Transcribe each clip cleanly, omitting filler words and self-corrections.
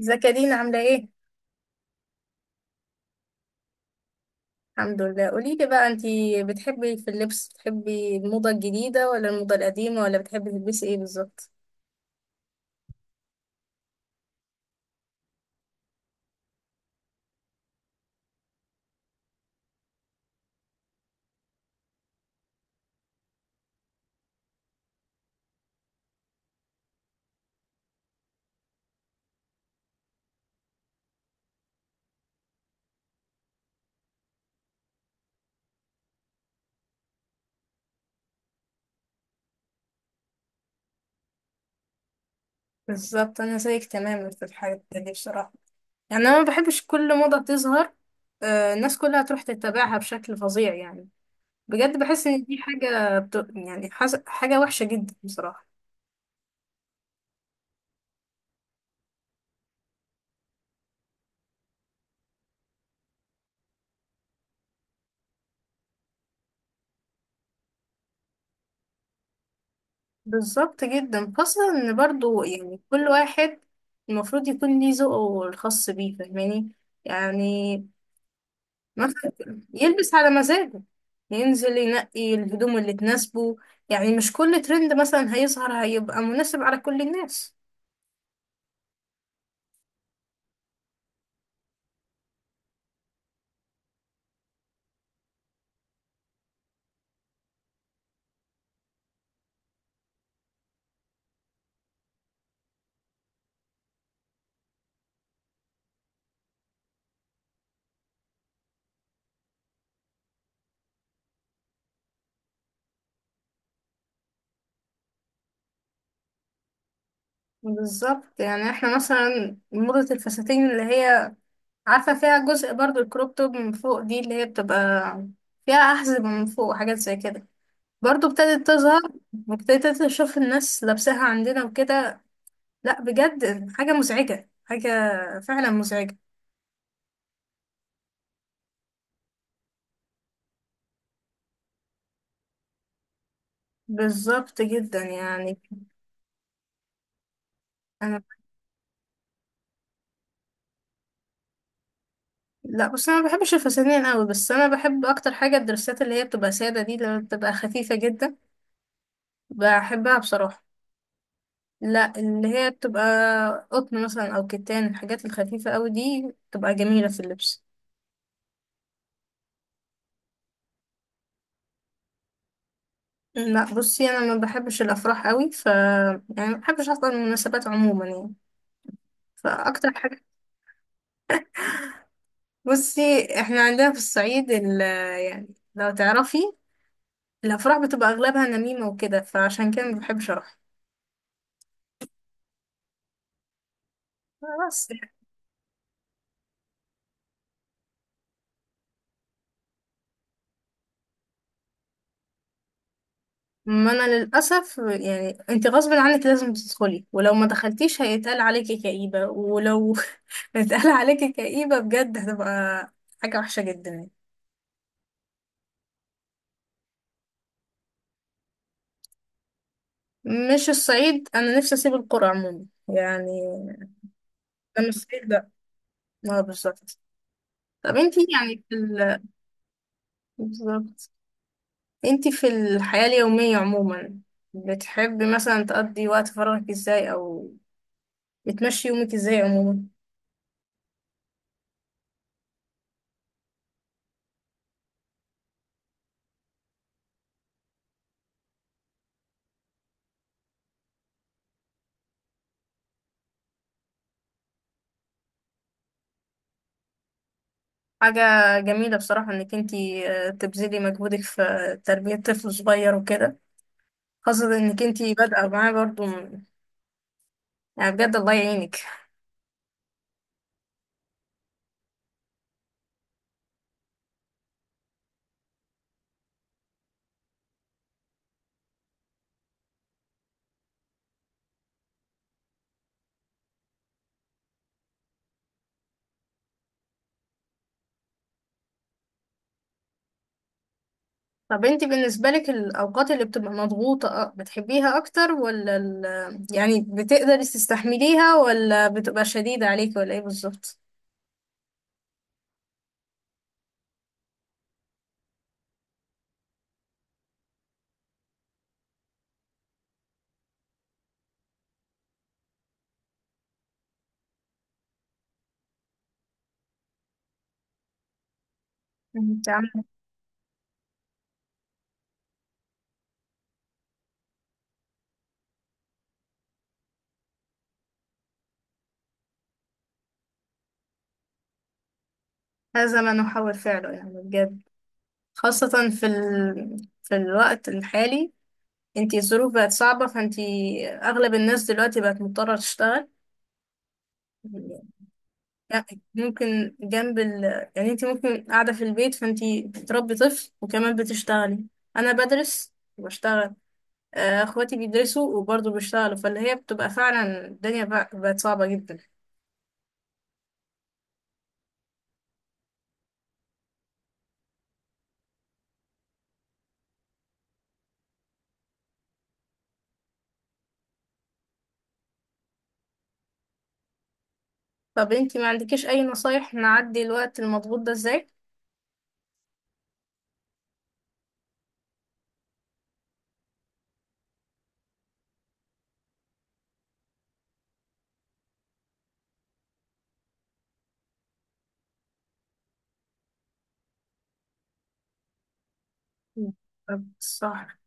ازيك يا دينا، عاملة ايه؟ الحمد لله، قولي لي بقى، انتي بتحبي في اللبس بتحبي الموضة الجديدة، ولا الموضة القديمة، ولا بتحبي تلبسي ايه بالظبط؟ بالظبط، انا زيك تماما في الحاجات دي بصراحه. يعني انا ما بحبش كل موضه بتظهر الناس كلها تروح تتبعها بشكل فظيع يعني. بجد بحس ان دي حاجه يعني حاجه وحشه جدا بصراحه. بالظبط جدا، خاصة ان برضو يعني كل واحد المفروض يكون ليه ذوقه الخاص بيه، فاهماني؟ يعني مثلا يلبس على مزاجه، ينزل ينقي الهدوم اللي تناسبه. يعني مش كل ترند مثلا هيظهر هيبقى مناسب على كل الناس. بالظبط، يعني احنا مثلا موضة الفساتين اللي هي، عارفة، فيها جزء برضو الكروب توب من فوق دي، اللي هي بتبقى فيها أحزمة من فوق وحاجات زي كده، برضو ابتدت تظهر. وابتديت أشوف الناس لابساها عندنا وكده. لأ، بجد حاجة مزعجة، حاجة فعلا مزعجة. بالظبط جدا يعني. لا، بس انا ما بحبش الفساتين قوي، بس انا بحب اكتر حاجه الدرسات، اللي هي بتبقى ساده دي، اللي بتبقى خفيفه جدا. بحبها بصراحه. لا، اللي هي بتبقى قطن مثلا او كتان، الحاجات الخفيفه قوي دي بتبقى جميله في اللبس. لا بصي، انا ما بحبش الافراح قوي، يعني ما بحبش اصلا المناسبات عموما يعني. فاكتر حاجه، بصي احنا عندنا في الصعيد يعني لو تعرفي، الافراح بتبقى اغلبها نميمه وكده، فعشان كده ما بحبش اروح. بس ما انا للاسف يعني، انت غصب عنك لازم تدخلي، ولو ما دخلتيش هيتقال عليكي كئيبه، ولو اتقال عليكي كئيبه بجد هتبقى حاجه وحشه جدا يعني. مش الصعيد، انا نفسي اسيب القرى عموما يعني. انا مش الصعيد، لا. اه، بالظبط. طب انت يعني في بالظبط، انت في الحياه اليوميه عموما بتحبي مثلا تقضي وقت فراغك ازاي، او بتمشي يومك ازاي عموما؟ حاجة جميلة بصراحة انك انتي تبذلي مجهودك في تربية طفل صغير وكده، خاصة انك انتي بادئة معاه برضو يعني بجد الله يعينك. طب انتي بالنسبة لك الأوقات اللي بتبقى مضغوطة بتحبيها أكتر، ولا يعني بتقدري تستحمليها، ولا بتبقى شديدة عليك، ولا ايه بالظبط؟ انت عاملة هذا ما نحاول فعله يعني بجد، خاصة في في الوقت الحالي، انتي الظروف بقت صعبة، فانتي أغلب الناس دلوقتي بقت مضطرة تشتغل. لا، ممكن جنب ال، يعني انت ممكن قاعدة في البيت فانت بتربي طفل وكمان بتشتغلي. انا بدرس وبشتغل، اخواتي بيدرسوا وبرضه بيشتغلوا، فاللي هي بتبقى فعلا الدنيا بقت صعبة جدا. طب انت ما عندكيش اي نصايح نعدي الوقت المضغوط ده ازاي؟ طب صح،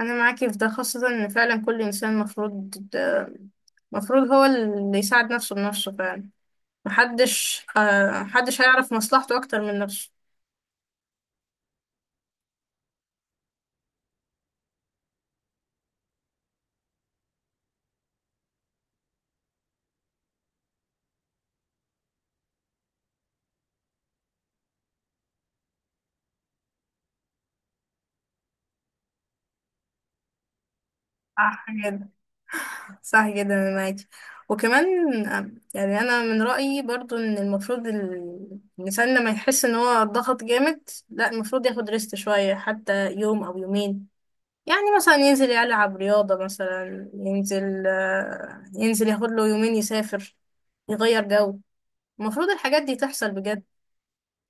انا معاكي في ده، خاصة ان فعلا كل انسان مفروض هو اللي يساعد نفسه بنفسه فعلا. محدش، محدش هيعرف مصلحته اكتر من نفسه. صح، صح جدا انا معاكي. وكمان، يعني انا من رأيي برضو ان المفروض الانسان لما يحس ان هو ضغط جامد، لا المفروض ياخد ريست شوية، حتى يوم او يومين. يعني مثلا ينزل يلعب رياضة مثلا، ينزل ينزل ياخد له يومين يسافر، يغير جو. المفروض الحاجات دي تحصل بجد.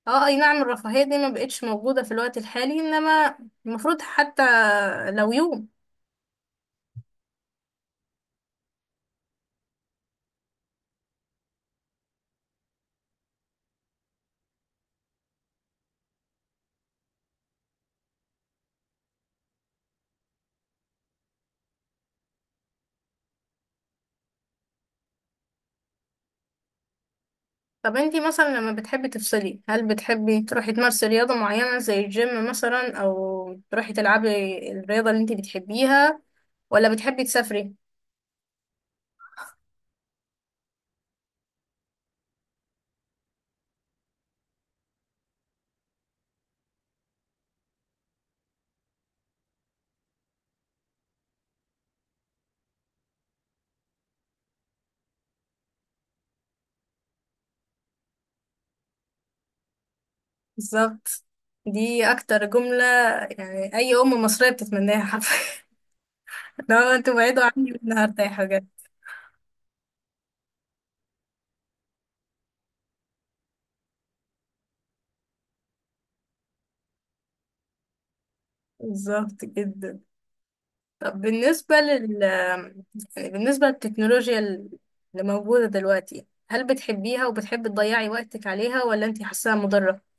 اه اي نعم، الرفاهية دي ما بقتش موجودة في الوقت الحالي، انما المفروض حتى لو يوم. طب انتي مثلا لما بتحبي تفصلي، هل بتحبي تروحي تمارسي رياضة معينة زي الجيم مثلا، او تروحي تلعبي الرياضة اللي انتي بتحبيها، ولا بتحبي تسافري؟ بالظبط، دي اكتر جملة يعني اي ام مصرية بتتمناها حرفيا. لو انتوا بعيدوا عني انا هرتاح بجد. بالظبط جدا. طب بالنسبة يعني بالنسبة للتكنولوجيا اللي موجودة دلوقتي، هل بتحبيها وبتحبي تضيعي وقتك عليها، ولا انتي حاساها مضرة؟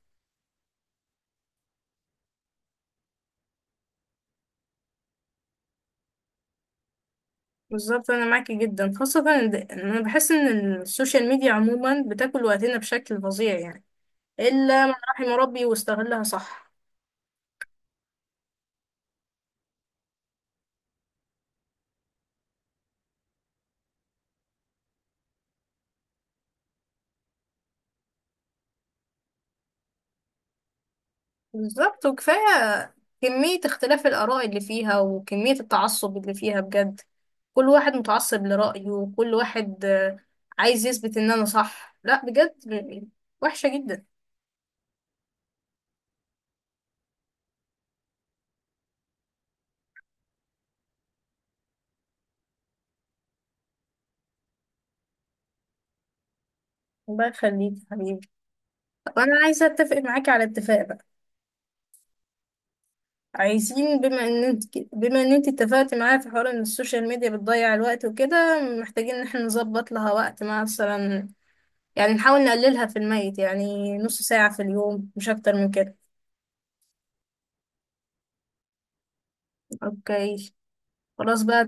بالظبط، انا معاكي جدا، خاصة ان إن انا بحس ان السوشيال ميديا عموما بتاكل وقتنا بشكل فظيع يعني، الا من رحم ربي واستغلها صح. بالظبط، وكفاية كمية اختلاف الآراء اللي فيها وكمية التعصب اللي فيها بجد. كل واحد متعصب لرأيه، وكل واحد عايز يثبت ان انا صح، لا بجد، وحشة جدا. الله يخليك يا حبيبي. طب انا عايزة اتفق معاكي على اتفاق بقى. عايزين، بما ان انت بما ان انت اتفقت معايا في حوار ان السوشيال ميديا بتضيع الوقت وكده، محتاجين ان احنا نظبط لها وقت، مع مثلا يعني نحاول نقللها في الميت، يعني نص ساعة في اليوم مش اكتر من كده. اوكي، خلاص بقى.